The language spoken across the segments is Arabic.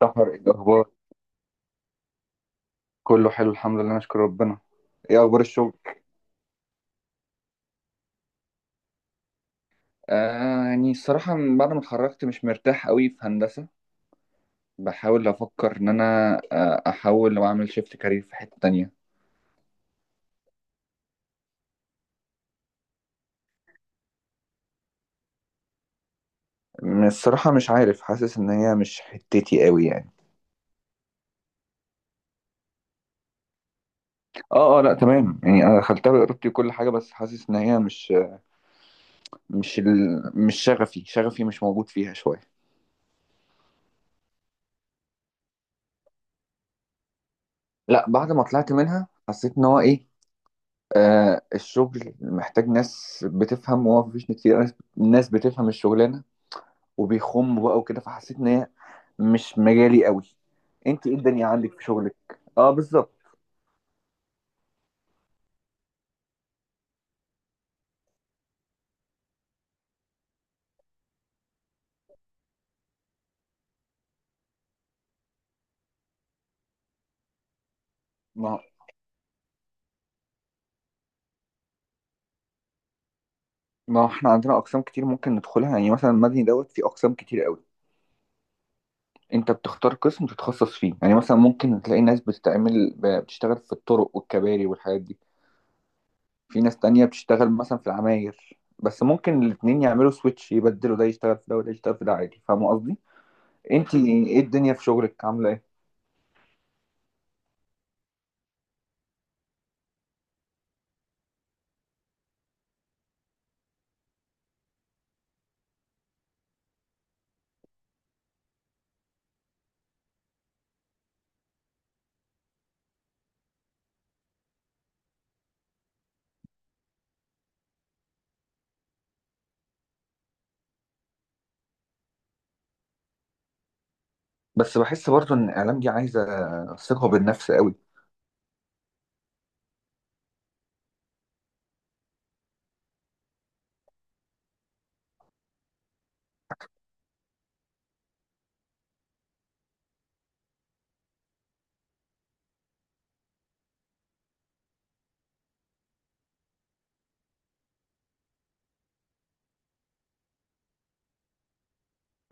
سحر، إيه الأخبار؟ كله حلو الحمد لله نشكر ربنا. إيه أخبار الشغل؟ آه يعني الصراحة من بعد ما اتخرجت مش مرتاح قوي في هندسة. بحاول أفكر إن أنا أحاول وأعمل شيفت كارير في حتة تانية. الصراحة مش عارف، حاسس إن هي مش حتتي قوي يعني. آه آه لأ تمام، يعني أنا دخلتها بإرادتي وكل حاجة، بس حاسس إن هي مش شغفي، شغفي مش موجود فيها شوية. لأ بعد ما طلعت منها حسيت إن هو إيه، آه الشغل محتاج ناس بتفهم، وهو مفيش ناس كتير، ناس بتفهم الشغلانة وبيخموا بقى وكده، فحسيت ان هي مش مجالي قوي. انت ايه الدنيا عندك في شغلك؟ اه بالظبط. ما ما احنا عندنا اقسام كتير ممكن ندخلها يعني، مثلا المدني دوت في اقسام كتير قوي. انت بتختار قسم تتخصص فيه، يعني مثلا ممكن تلاقي ناس بتتعمل بتشتغل في الطرق والكباري والحاجات دي. في ناس تانية بتشتغل مثلا في العماير، بس ممكن الاتنين يعملوا سويتش، يبدلوا ده يشتغل في ده وده يشتغل في ده عادي. فاهم قصدي؟ انت ايه الدنيا في شغلك عامله ايه؟ بس بحس برضو ان الاعلام دي عايزه ثقه بالنفس قوي.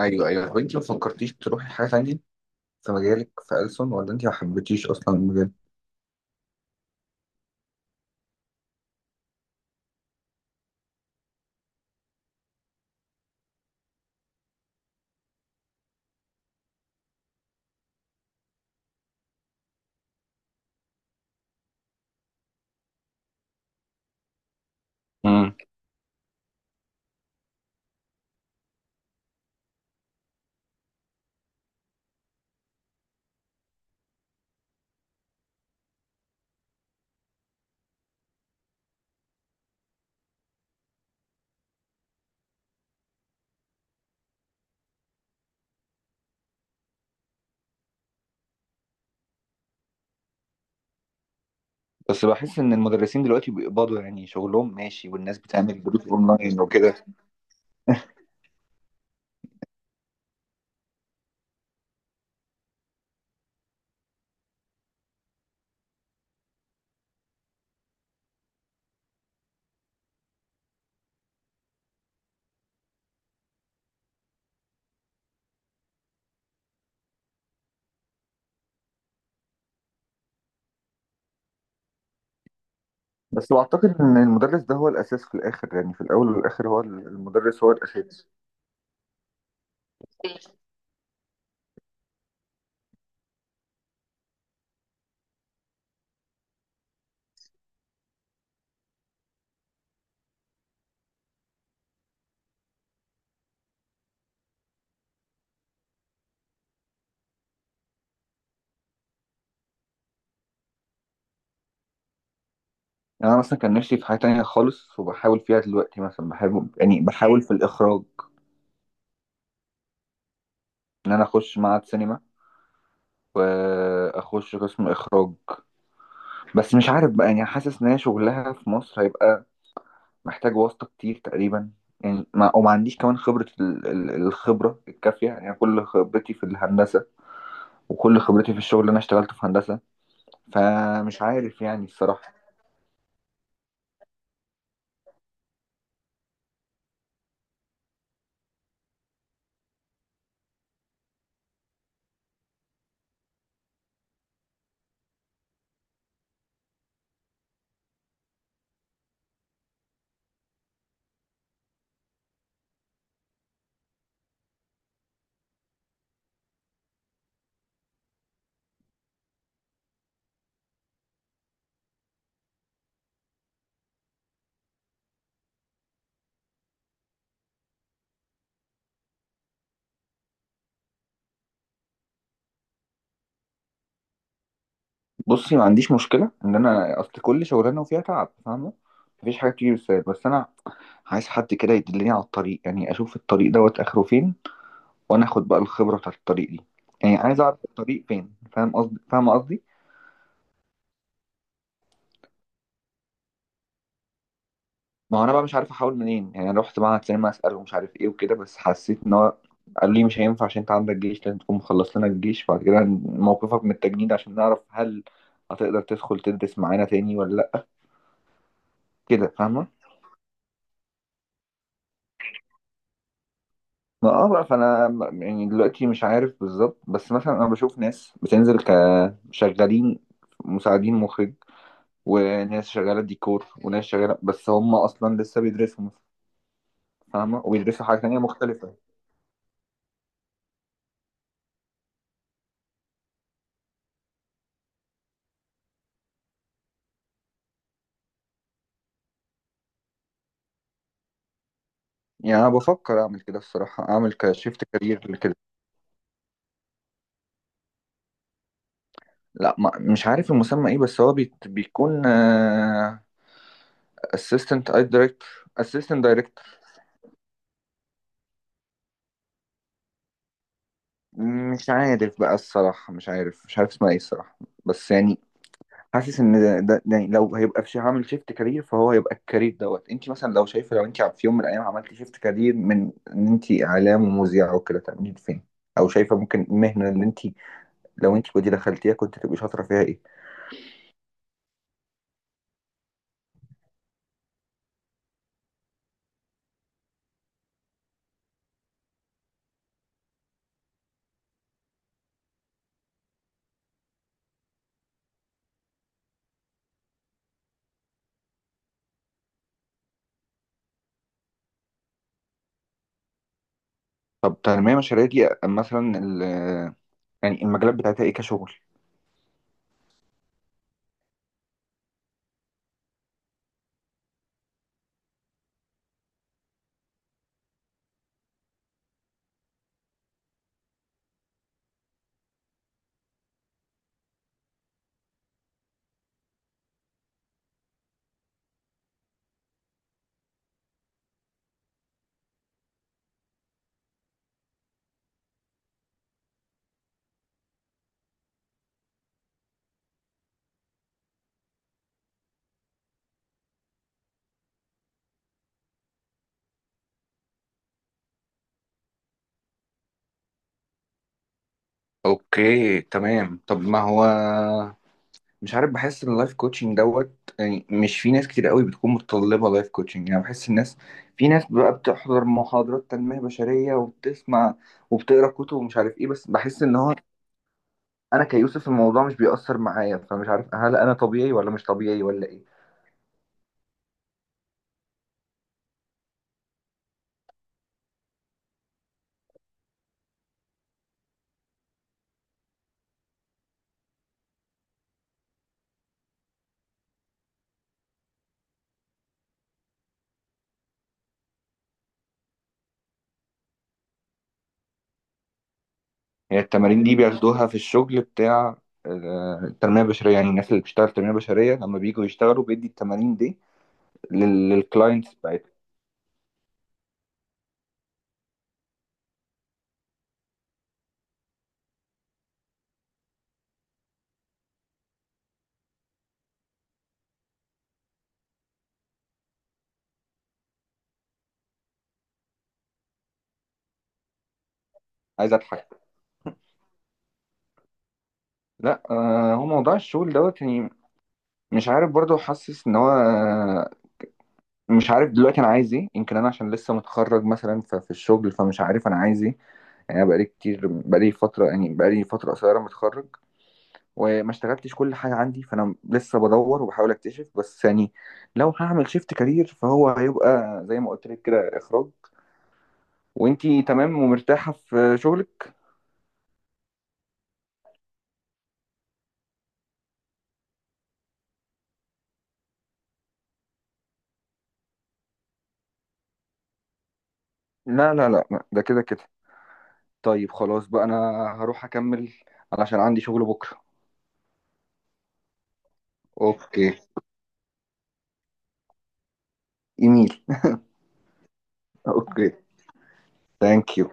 ايوه ايوه. طب انت ما فكرتيش تروحي حاجه تانية في مجالك في ألسن، ولا انت ما حبيتيش اصلا المجال؟ امم. بس بحس ان المدرسين دلوقتي بيقبضوا يعني، شغلهم ماشي والناس بتعمل دروس اونلاين وكده. بس بعتقد ان المدرس ده هو الاساس في الاخر، يعني في الاول والاخر هو المدرس هو الاساس. يعني انا مثلا كان نفسي في حاجه تانية خالص، وبحاول فيها دلوقتي، مثلا بحاول يعني بحاول في الاخراج، ان انا اخش معهد سينما واخش قسم اخراج. بس مش عارف بقى، يعني حاسس ان هي شغلها في مصر هيبقى محتاج واسطة كتير تقريبا. يعني ما وما عنديش كمان خبرة الخبرة الكافية، يعني كل خبرتي في الهندسة وكل خبرتي في الشغل اللي انا اشتغلته في هندسة، فمش عارف يعني الصراحة. بصي، ما عنديش مشكلة ان انا اصل كل شغلانة وفيها تعب، فاهمة؟ مفيش حاجة بتيجي بالسهل، بس انا عايز حد كده يدلني على الطريق، يعني اشوف الطريق دوت اخره فين، وانا اخد بقى الخبره بتاعت الطريق دي. يعني عايز اعرف الطريق فين. فاهم قصدي؟ فاهم قصدي؟ ما هو انا بقى مش عارف احاول منين يعني. انا رحت معهد سينما اساله ومش عارف ايه وكده، بس حسيت ان هو قالوا لي مش هينفع عشان انت عندك جيش، لازم تكون مخلص لنا الجيش بعد كده موقفك من التجنيد عشان نعرف هل هتقدر تدخل تدرس معانا تاني ولا لا. كده فاهمه؟ ما اه بقى، فانا يعني دلوقتي مش عارف بالظبط، بس مثلا انا بشوف ناس بتنزل كشغالين مساعدين مخرج، وناس شغاله ديكور، وناس شغاله بس هم اصلا لسه بيدرسوا. فاهمة؟ وبيدرسوا حاجة تانية مختلفة. يعني أنا بفكر أعمل كده الصراحة، أعمل كشيفت كارير كده. لا، ما مش عارف المسمى إيه، بس هو بيت بيكون assistant director. Assistant director. مش عارف بقى الصراحة، مش عارف مش عارف اسمها إيه الصراحة، بس يعني حاسس إن ده يعني لو هيبقى في هعمل شيفت كارير فهو هيبقى الكارير دوت. أنت مثلا لو شايفة، لو أنت في يوم من الأيام عملتي شيفت كارير من إن أنت إعلام ومذيعة وكده، تعملي فين؟ أو شايفة ممكن المهنة اللي أنت لو أنت كنت دخلتيها كنت تبقي شاطرة فيها إيه؟ طب تنمية مشاريع دي مثلا يعني المجالات بتاعتها ايه كشغل؟ اوكي تمام. طب ما هو مش عارف، بحس ان اللايف كوتشنج دوت يعني مش في ناس كتير قوي بتكون متطلبة لايف كوتشنج، يعني بحس الناس، في ناس بقى بتحضر محاضرات تنمية بشرية وبتسمع وبتقرا كتب ومش عارف ايه، بس بحس ان هو انا كيوسف الموضوع مش بيأثر معايا، فمش عارف هل انا طبيعي ولا مش طبيعي ولا ايه. هي التمارين دي بياخدوها في الشغل بتاع التنمية البشرية، يعني الناس اللي بتشتغل تنمية بشرية لما بييجوا يشتغلوا بيدي التمارين دي للكلاينتس بتاعتهم؟ عايز أضحك. لا هو موضوع الشغل دوت يعني، مش عارف برضه، حاسس إن هو مش عارف دلوقتي أنا عايز إيه، يمكن أنا عشان لسه متخرج مثلا في الشغل فمش عارف أنا عايز إيه. يعني أنا بقالي كتير، بقالي فترة، يعني بقالي فترة قصيرة متخرج وما اشتغلتش كل حاجة عندي، فأنا لسه بدور وبحاول أكتشف، بس يعني لو هعمل شيفت كارير فهو هيبقى زي ما قلت لك كده إخراج. وإنتي تمام ومرتاحة في شغلك. لا لا لا، ده كده كده. طيب خلاص بقى أنا هروح أكمل علشان عندي شغل بكرة. أوكي. إيميل. أوكي. ثانك يو.